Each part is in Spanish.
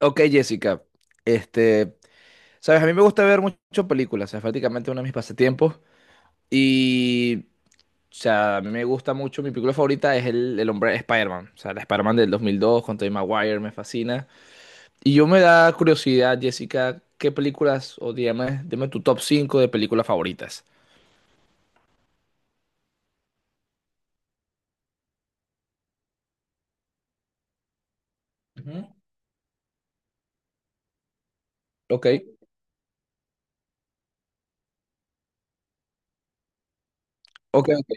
Ok, Jessica, este, sabes, a mí me gusta ver mucho películas, es prácticamente uno de mis pasatiempos y, o sea, a mí me gusta mucho, mi película favorita es el hombre Spider-Man, o sea, la Spider-Man del 2002 con Tobey Maguire, me fascina. Y yo me da curiosidad, Jessica, ¿qué películas, dime tu top 5 de películas favoritas? Ujú. Ok, ok, ok.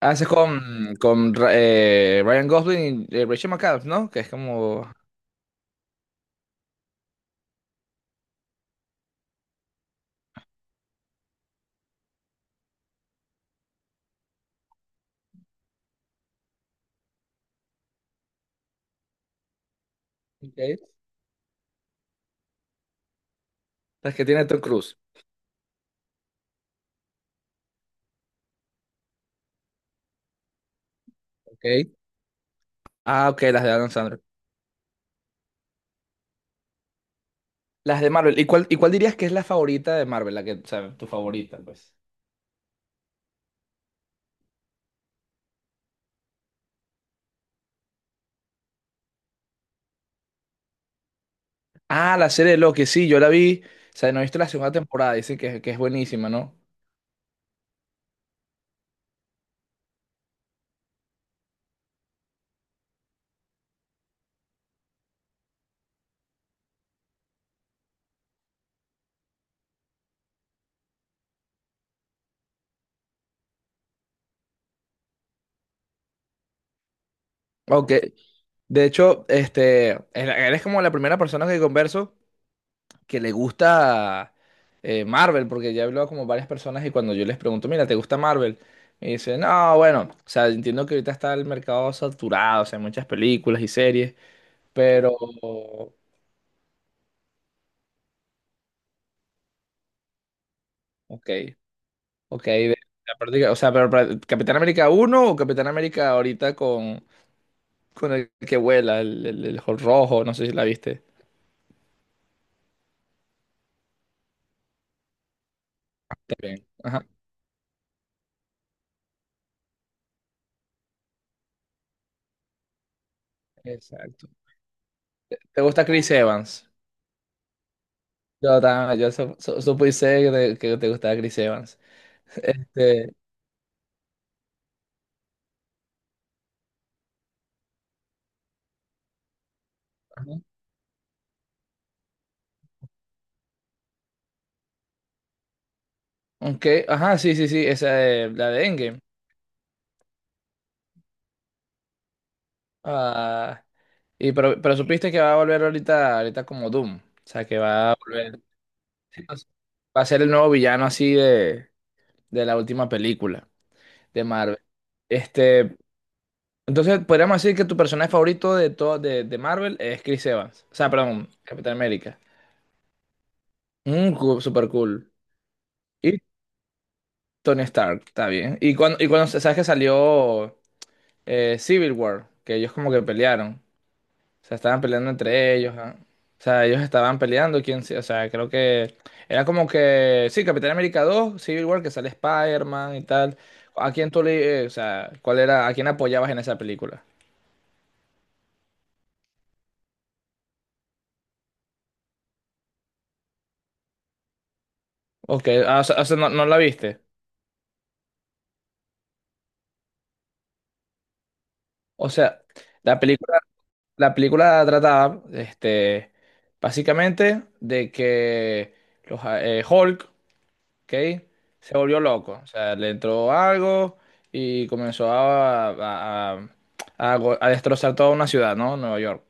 Haces con, con Ryan Gosling y Rachel McAdams, ¿no? Que es como... Okay. Las que tiene Tom Cruise. Ok. Ah, ok, las de Adam Sandler. Las de Marvel. ¿Y cuál dirías que es la favorita de Marvel? La que, o sea, tu favorita, pues. Ah, la serie de Loki, sí, yo la vi. O sea, no he visto la segunda temporada, dicen que es buenísima, ¿no? Ok. De hecho, eres como la primera persona que converso que le gusta Marvel, porque ya he hablado como varias personas y cuando yo les pregunto, mira, ¿te gusta Marvel? Me dicen, no, bueno, o sea, entiendo que ahorita está el mercado saturado, o sea, hay muchas películas y series, pero, ok. Ok, de la práctica, o sea, pero Capitán América uno o Capitán América ahorita con el que vuela, el Hulk rojo, no sé si la viste. También. Ajá, exacto. ¿Te gusta Chris Evans? Yo también, yo supuse que te gustaba Chris Evans. Este, ajá. Ok, ajá, sí, sí, sí, la de Endgame. Ah, y pero supiste que va a volver ahorita, ahorita como Doom. O sea, que va a volver. Va a ser el nuevo villano así de la última película de Marvel. Este, entonces, podríamos decir que tu personaje favorito de todo de Marvel es Chris Evans. O sea, perdón, Capitán América. Cool, super cool. Y Tony Stark, está bien. Y cuando sabes que salió Civil War, que ellos como que pelearon. O sea, estaban peleando entre ellos. Ah. O sea, ellos estaban peleando. ¿Quién, o sea, creo que era como que? Sí, Capitán América 2, Civil War, que sale Spider-Man y tal. ¿A quién tú le, o sea, cuál era, a quién apoyabas en esa película? Ok, ah, o sea, no, no la viste. O sea, la película, la película trataba, básicamente de que Hulk, ¿ok? Se volvió loco. O sea, le entró algo y comenzó a destrozar toda una ciudad, ¿no? Nueva York.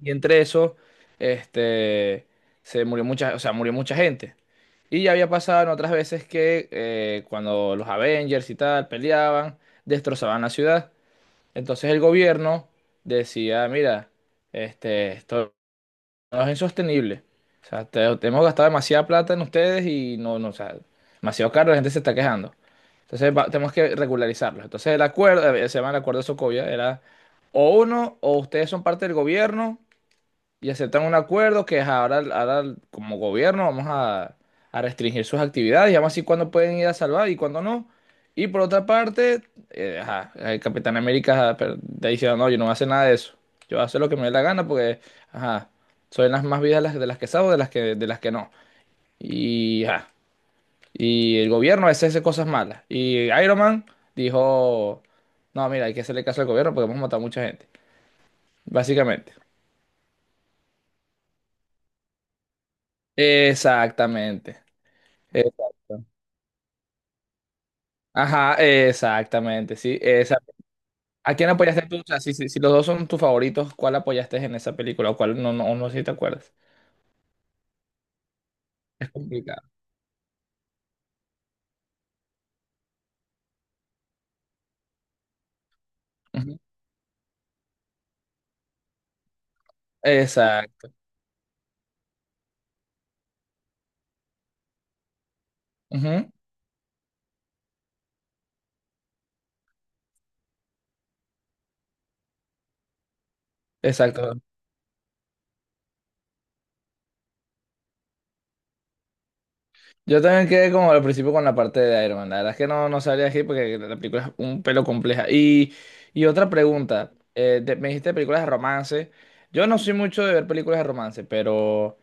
Y entre eso, este, se murió mucha, o sea, murió mucha gente. Y ya había pasado en otras veces que cuando los Avengers y tal peleaban, destrozaban la ciudad. Entonces el gobierno decía, mira, esto no es insostenible. O sea, te hemos gastado demasiada plata en ustedes y no, no, o sea, demasiado caro, la gente se está quejando. Entonces tenemos que regularizarlo. Entonces el acuerdo, se llama el acuerdo de Socovia, era o uno, o ustedes son parte del gobierno, y aceptan un acuerdo que es ahora, ahora como gobierno vamos a restringir sus actividades y vamos a decir cuándo pueden ir a salvar y cuándo no. Y por otra parte, ajá, el Capitán América, ajá, pero está diciendo, no, yo no voy a hacer nada de eso. Yo voy a hacer lo que me dé la gana porque, ajá, son las más vidas las, de las que salvo de las que no. Y, ajá, y el gobierno a veces hace cosas malas. Y Iron Man dijo, no, mira, hay que hacerle caso al gobierno porque hemos matado a mucha gente. Básicamente. Exactamente. Exactamente. Ajá, exactamente, sí. Esa. ¿A quién apoyaste tú? O sea, si los dos son tus favoritos, ¿cuál apoyaste en esa película o cuál no, no, no sé si te acuerdas? Es complicado. Ujú. Exacto. Ujú. Exacto. Yo también quedé como al principio con la parte de Iron Man. La verdad es que no, no sabría decir porque la película es un pelo compleja. Y otra pregunta. Me dijiste películas de romance. Yo no soy mucho de ver películas de romance, pero,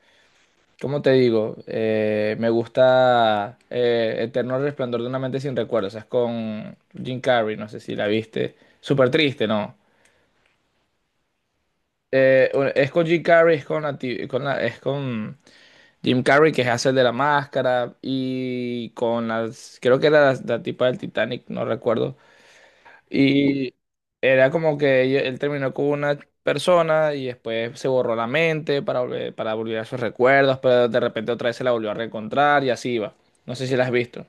¿cómo te digo? Me gusta, Eterno Resplandor de una mente sin recuerdos. Es con Jim Carrey, no sé si la viste. Súper triste, ¿no? Es con Jim Carrey, es con Jim Carrey, que hace el de la máscara, y con las, creo que era la tipa del Titanic, no recuerdo. Y era como que él terminó con una persona y después se borró la mente para volver, a sus recuerdos, pero de repente otra vez se la volvió a reencontrar y así iba. No sé si la has visto.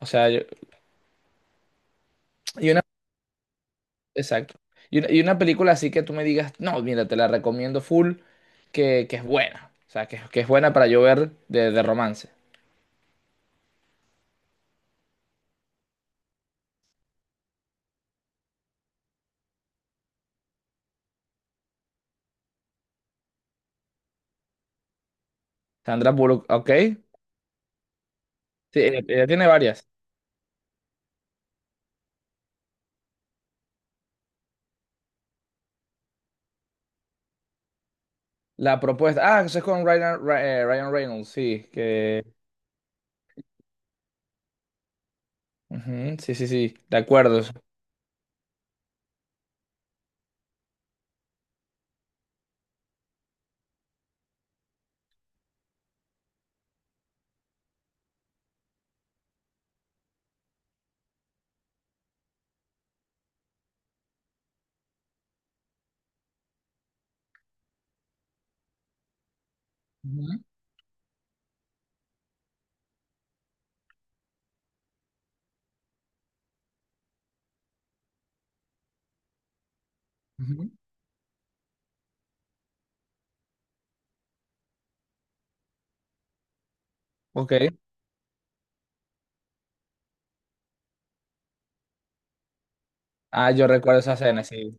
O sea, y una, exacto. Y una película así que tú me digas, no, mira, te la recomiendo full, que es buena. O sea, que es buena para yo ver de romance. Sandra Bullock, ok. Sí, ella tiene varias. La propuesta, ah, eso es con Ryan Reynolds, sí, que... Ujú, sí, sí, sí, de acuerdo. Ujú, ujú. Ok. Ah, yo recuerdo esa escena, sí.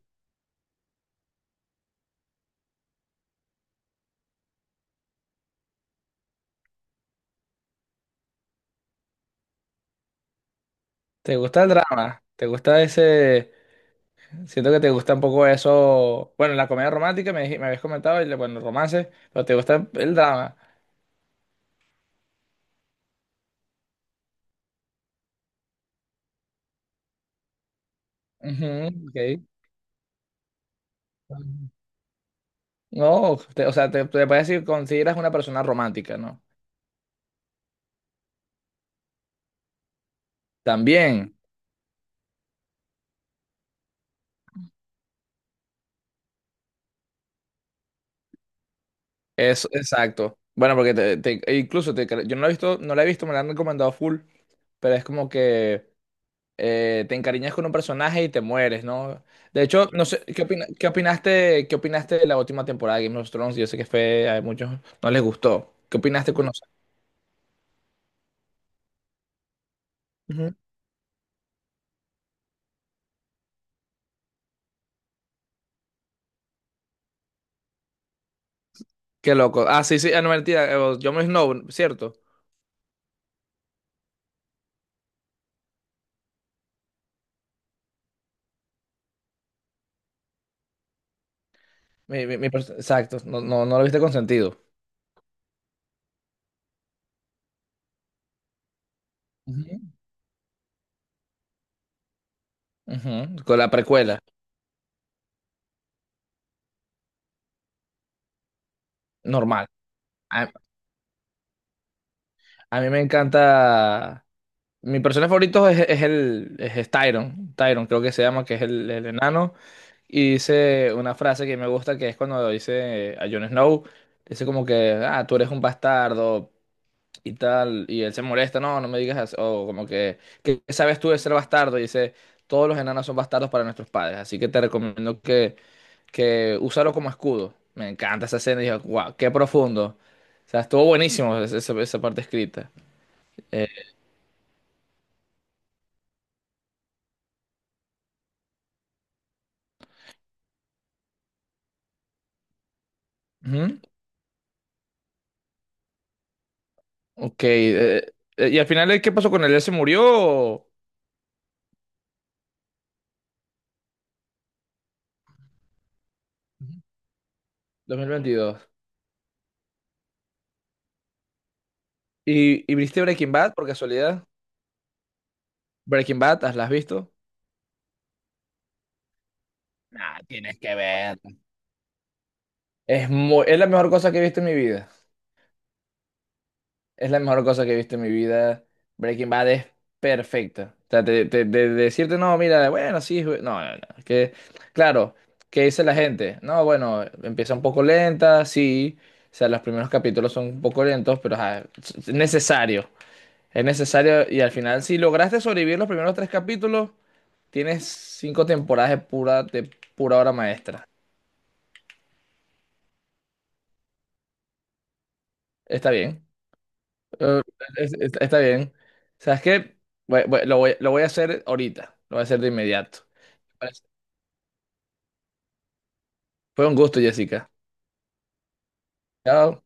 ¿Te gusta el drama? ¿Te gusta ese...? Siento que te gusta un poco eso... Bueno, la comedia romántica me habías comentado, y, bueno, el romance, pero te gusta el drama. Ujú, ok. No, o sea, te parece que consideras una persona romántica, ¿no? También, eso, exacto. Bueno, porque e incluso yo no lo he visto, no la he visto, me la han recomendado full, pero es como que te encariñas con un personaje y te mueres, ¿no? De hecho, no sé, ¿qué opinaste de la última temporada de Game of Thrones? Yo sé que fue, a muchos no les gustó. ¿Qué opinaste con nosotros? Ujú. Qué loco. Ah, sí, sí, ah, no, mentira, Jon Snow, ¿cierto? Exacto, no, no, no lo viste consentido. Ujú. Ujú, con la precuela, normal. A, a mí me encanta. Mi personaje favorito es Tyron. Tyron, creo que se llama, que es el enano. Y dice una frase que me gusta, que es cuando dice a Jon Snow, dice como que, ah, tú eres un bastardo y tal, y él se molesta, no, no me digas eso, o como que, ¿qué sabes tú de ser bastardo? Y dice, todos los enanos son bastardos para nuestros padres, así que te recomiendo que úsalo como escudo. Me encanta esa escena, y dije, wow, qué profundo. O sea, estuvo buenísimo esa parte escrita. Eh, Ujú, ok, y al final, ¿qué pasó con él? ¿Él se murió? 2022. ¿Y viste Breaking Bad por casualidad? Breaking Bad, ¿las has visto? Nah, tienes que ver. Es la mejor cosa que he visto en mi vida. Es la mejor cosa que he visto en mi vida. Breaking Bad es perfecta. O sea, decirte, no, mira, bueno, sí, no, no, no. Que, claro, ¿qué dice la gente? No, bueno, empieza un poco lenta, sí. O sea, los primeros capítulos son un poco lentos, pero ajá, es necesario. Es necesario y al final, si lograste sobrevivir los primeros tres capítulos, tienes cinco temporadas de pura, obra maestra. Está bien. Eh, Está bien. ¿Sabes qué? Lo voy a hacer ahorita. Lo voy a hacer de inmediato. Fue un gusto, Jessica. Chao.